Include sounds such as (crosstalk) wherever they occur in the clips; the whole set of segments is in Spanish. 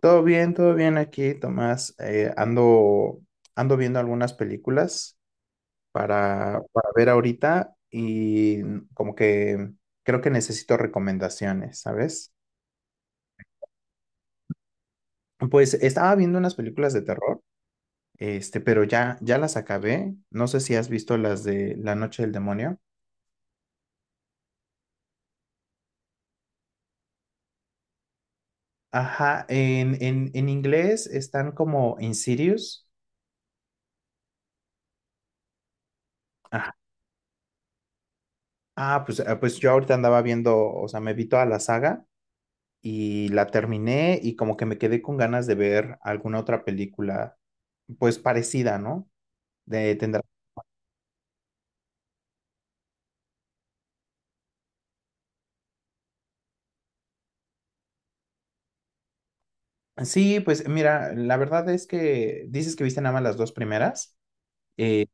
Todo bien aquí, Tomás. Ando viendo algunas películas para ver ahorita y como que creo que necesito recomendaciones, ¿sabes? Pues estaba viendo unas películas de terror, pero ya las acabé. No sé si has visto las de La Noche del Demonio. Ajá, en inglés están como Insidious. Ajá. Ah, pues, yo ahorita andaba viendo, o sea, me vi toda la saga. Y la terminé y como que me quedé con ganas de ver alguna otra película, pues parecida, ¿no? De tendrá. Sí, pues mira, la verdad es que dices que viste nada más las dos primeras. Eh,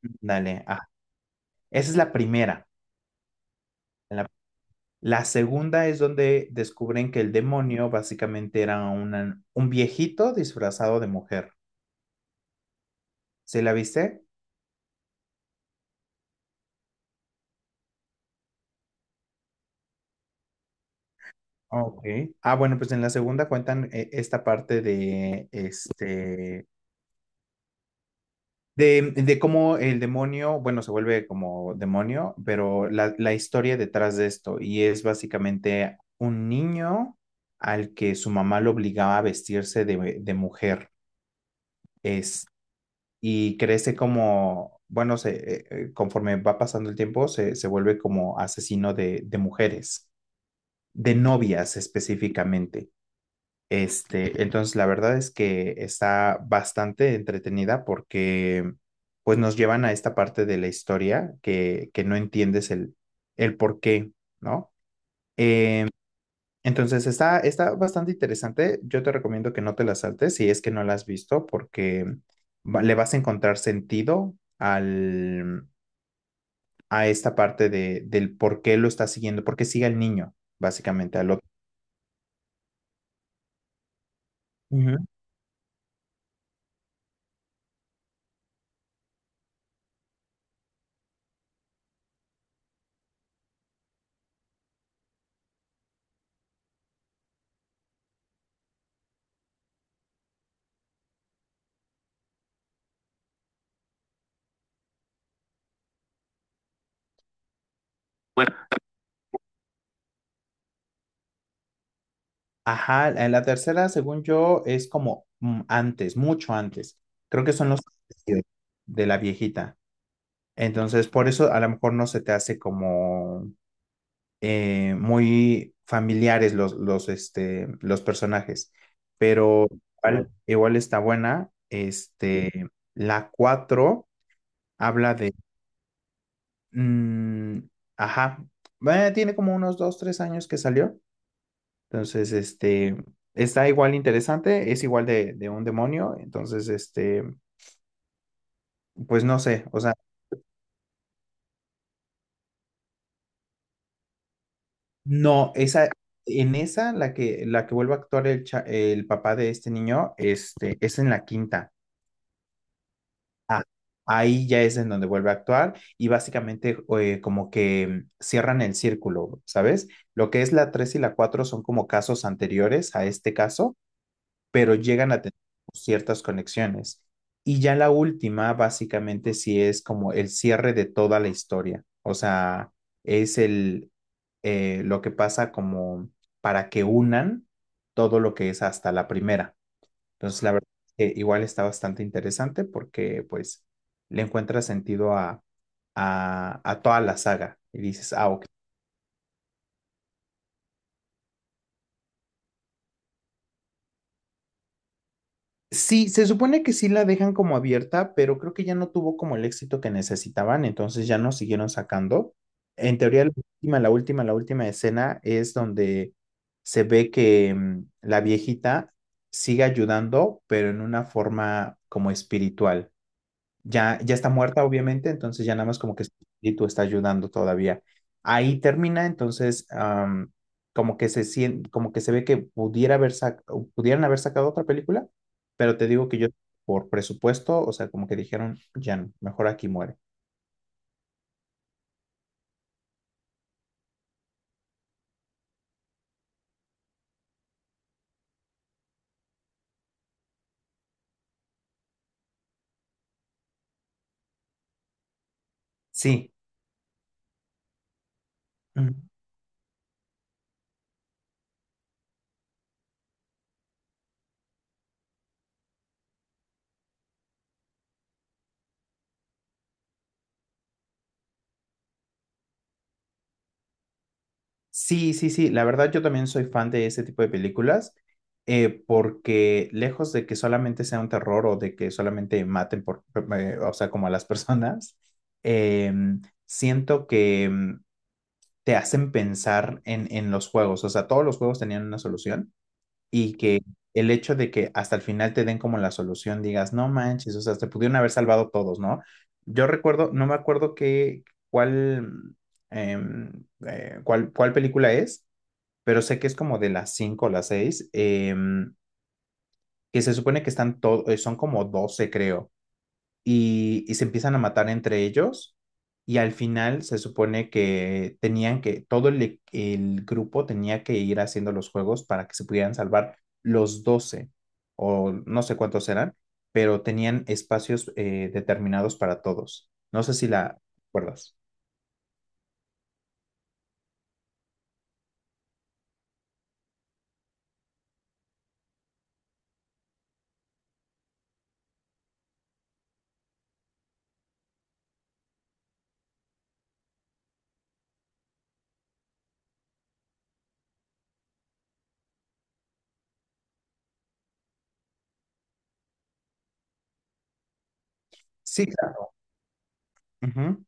dale, ah, esa es la primera. La, la segunda es donde descubren que el demonio básicamente era un viejito disfrazado de mujer. ¿Sí la viste? Ok. Ah, bueno, pues en la segunda cuentan esta parte de este. De cómo el demonio, bueno, se vuelve como demonio, pero la historia detrás de esto, y es básicamente un niño al que su mamá lo obligaba a vestirse de mujer, es, y crece como, bueno, conforme va pasando el tiempo, se vuelve como asesino de mujeres, de novias específicamente. Entonces la verdad es que está bastante entretenida porque pues nos llevan a esta parte de la historia que no entiendes el por qué, ¿no? Eh, entonces está, bastante interesante. Yo te recomiendo que no te la saltes si es que no la has visto porque le vas a encontrar sentido a esta parte del por qué lo está siguiendo, por qué sigue al niño, básicamente, al otro. Ajá, en la tercera, según yo, es como antes, mucho antes. Creo que son los vestidos de la viejita. Entonces, por eso a lo mejor no se te hace como muy familiares los personajes. Pero igual está buena. La cuatro habla de. Mm, ajá. Tiene como unos dos, tres años que salió. Entonces, está igual interesante, es igual de un demonio, entonces, pues no sé, o sea, no, en esa, la que vuelve a actuar el papá de este niño, es en la quinta. Ah, ahí ya es en donde vuelve a actuar y básicamente como que cierran el círculo, ¿sabes? Lo que es la 3 y la 4 son como casos anteriores a este caso pero llegan a tener ciertas conexiones. Y ya la última, básicamente, sí es como el cierre de toda la historia. O sea, es el lo que pasa como para que unan todo lo que es hasta la primera. Entonces, la verdad es que igual está bastante interesante porque pues le encuentra sentido a toda la saga. Y dices, ah, ok. Sí, se supone que sí la dejan como abierta, pero creo que ya no tuvo como el éxito que necesitaban, entonces ya no siguieron sacando. En teoría, la última escena es donde se ve que la viejita sigue ayudando, pero en una forma como espiritual ya está muerta, obviamente, entonces ya nada más como que su espíritu está ayudando todavía. Ahí termina, entonces, como que se ve que o pudieran haber sacado otra película, pero te digo que yo, por presupuesto, o sea, como que dijeron, ya no, mejor aquí muere. Sí. Sí, sí, sí, la verdad yo también soy fan de ese tipo de películas, porque lejos de que solamente sea un terror o de que solamente maten por, o sea, como a las (laughs) personas, eh, siento que te hacen pensar en los juegos, o sea, todos los juegos tenían una solución y que el hecho de que hasta el final te den como la solución, digas, no manches, o sea, te pudieron haber salvado todos, ¿no? Yo recuerdo, no me acuerdo qué, cuál, em, cuál, cuál película es pero sé que es como de las 5 o las 6, que se supone que están todos, son como 12 creo, y se empiezan a matar entre ellos y al final se supone que tenían todo el grupo tenía que ir haciendo los juegos para que se pudieran salvar los 12 o no sé cuántos eran, pero tenían espacios determinados para todos. No sé si la recuerdas. Sí, claro. Ujú.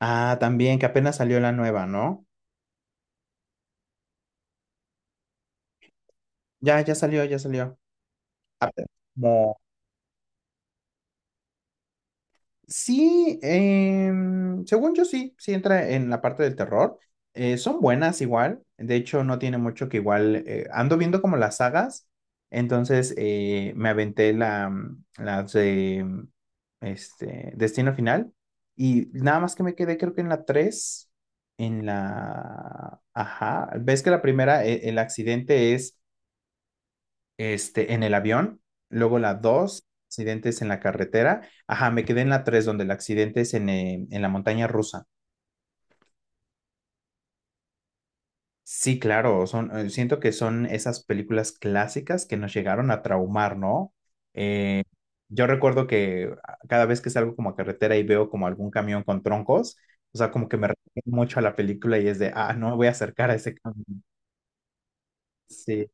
Ah, también que apenas salió la nueva, ¿no? Ya salió, ya salió. A Como, sí, según yo sí, sí entra en la parte del terror. Son buenas igual, de hecho no tiene mucho que igual, ando viendo como las sagas, entonces me aventé las de Destino Final y nada más que me quedé creo que en la tres. Ajá, ves que la primera, el accidente es en el avión, luego la dos accidentes en la carretera. Ajá, me quedé en la 3 donde el accidente es en la montaña rusa. Sí, claro, siento que son esas películas clásicas que nos llegaron a traumar, ¿no? Eh, yo recuerdo que cada vez que salgo como a carretera y veo como algún camión con troncos, o sea, como que me recuerda mucho a la película y es de, ah, no me voy a acercar a ese camión. Sí.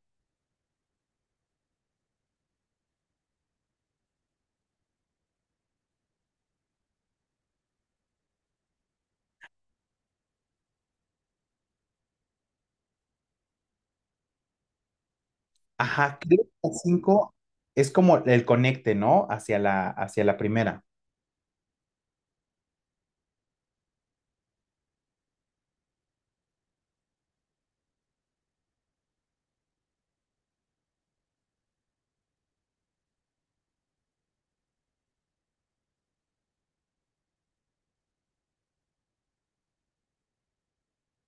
Ajá, creo que la 5 es como el conecte, ¿no? Hacia hacia la primera.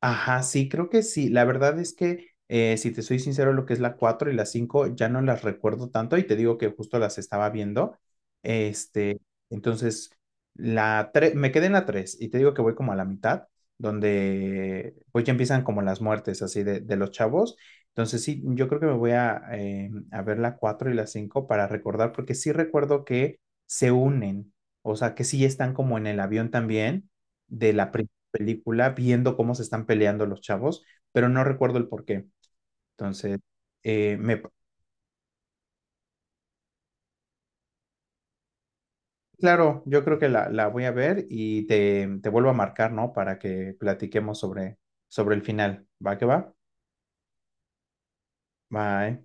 Ajá, sí, creo que sí. La verdad es que, si te soy sincero, lo que es la 4 y la 5 ya no las recuerdo tanto y te digo que justo las estaba viendo. Este, entonces, la 3 me quedé en la 3 y te digo que voy como a la mitad, donde pues ya empiezan como las muertes así de los chavos. Entonces, sí, yo creo que me voy a ver la 4 y la 5 para recordar, porque sí recuerdo que se unen, o sea, que sí están como en el avión también de la película viendo cómo se están peleando los chavos, pero no recuerdo el por qué. Entonces, eh, me, claro, yo creo que la voy a ver y te vuelvo a marcar, ¿no? Para que platiquemos sobre el final. ¿Va que va? Bye.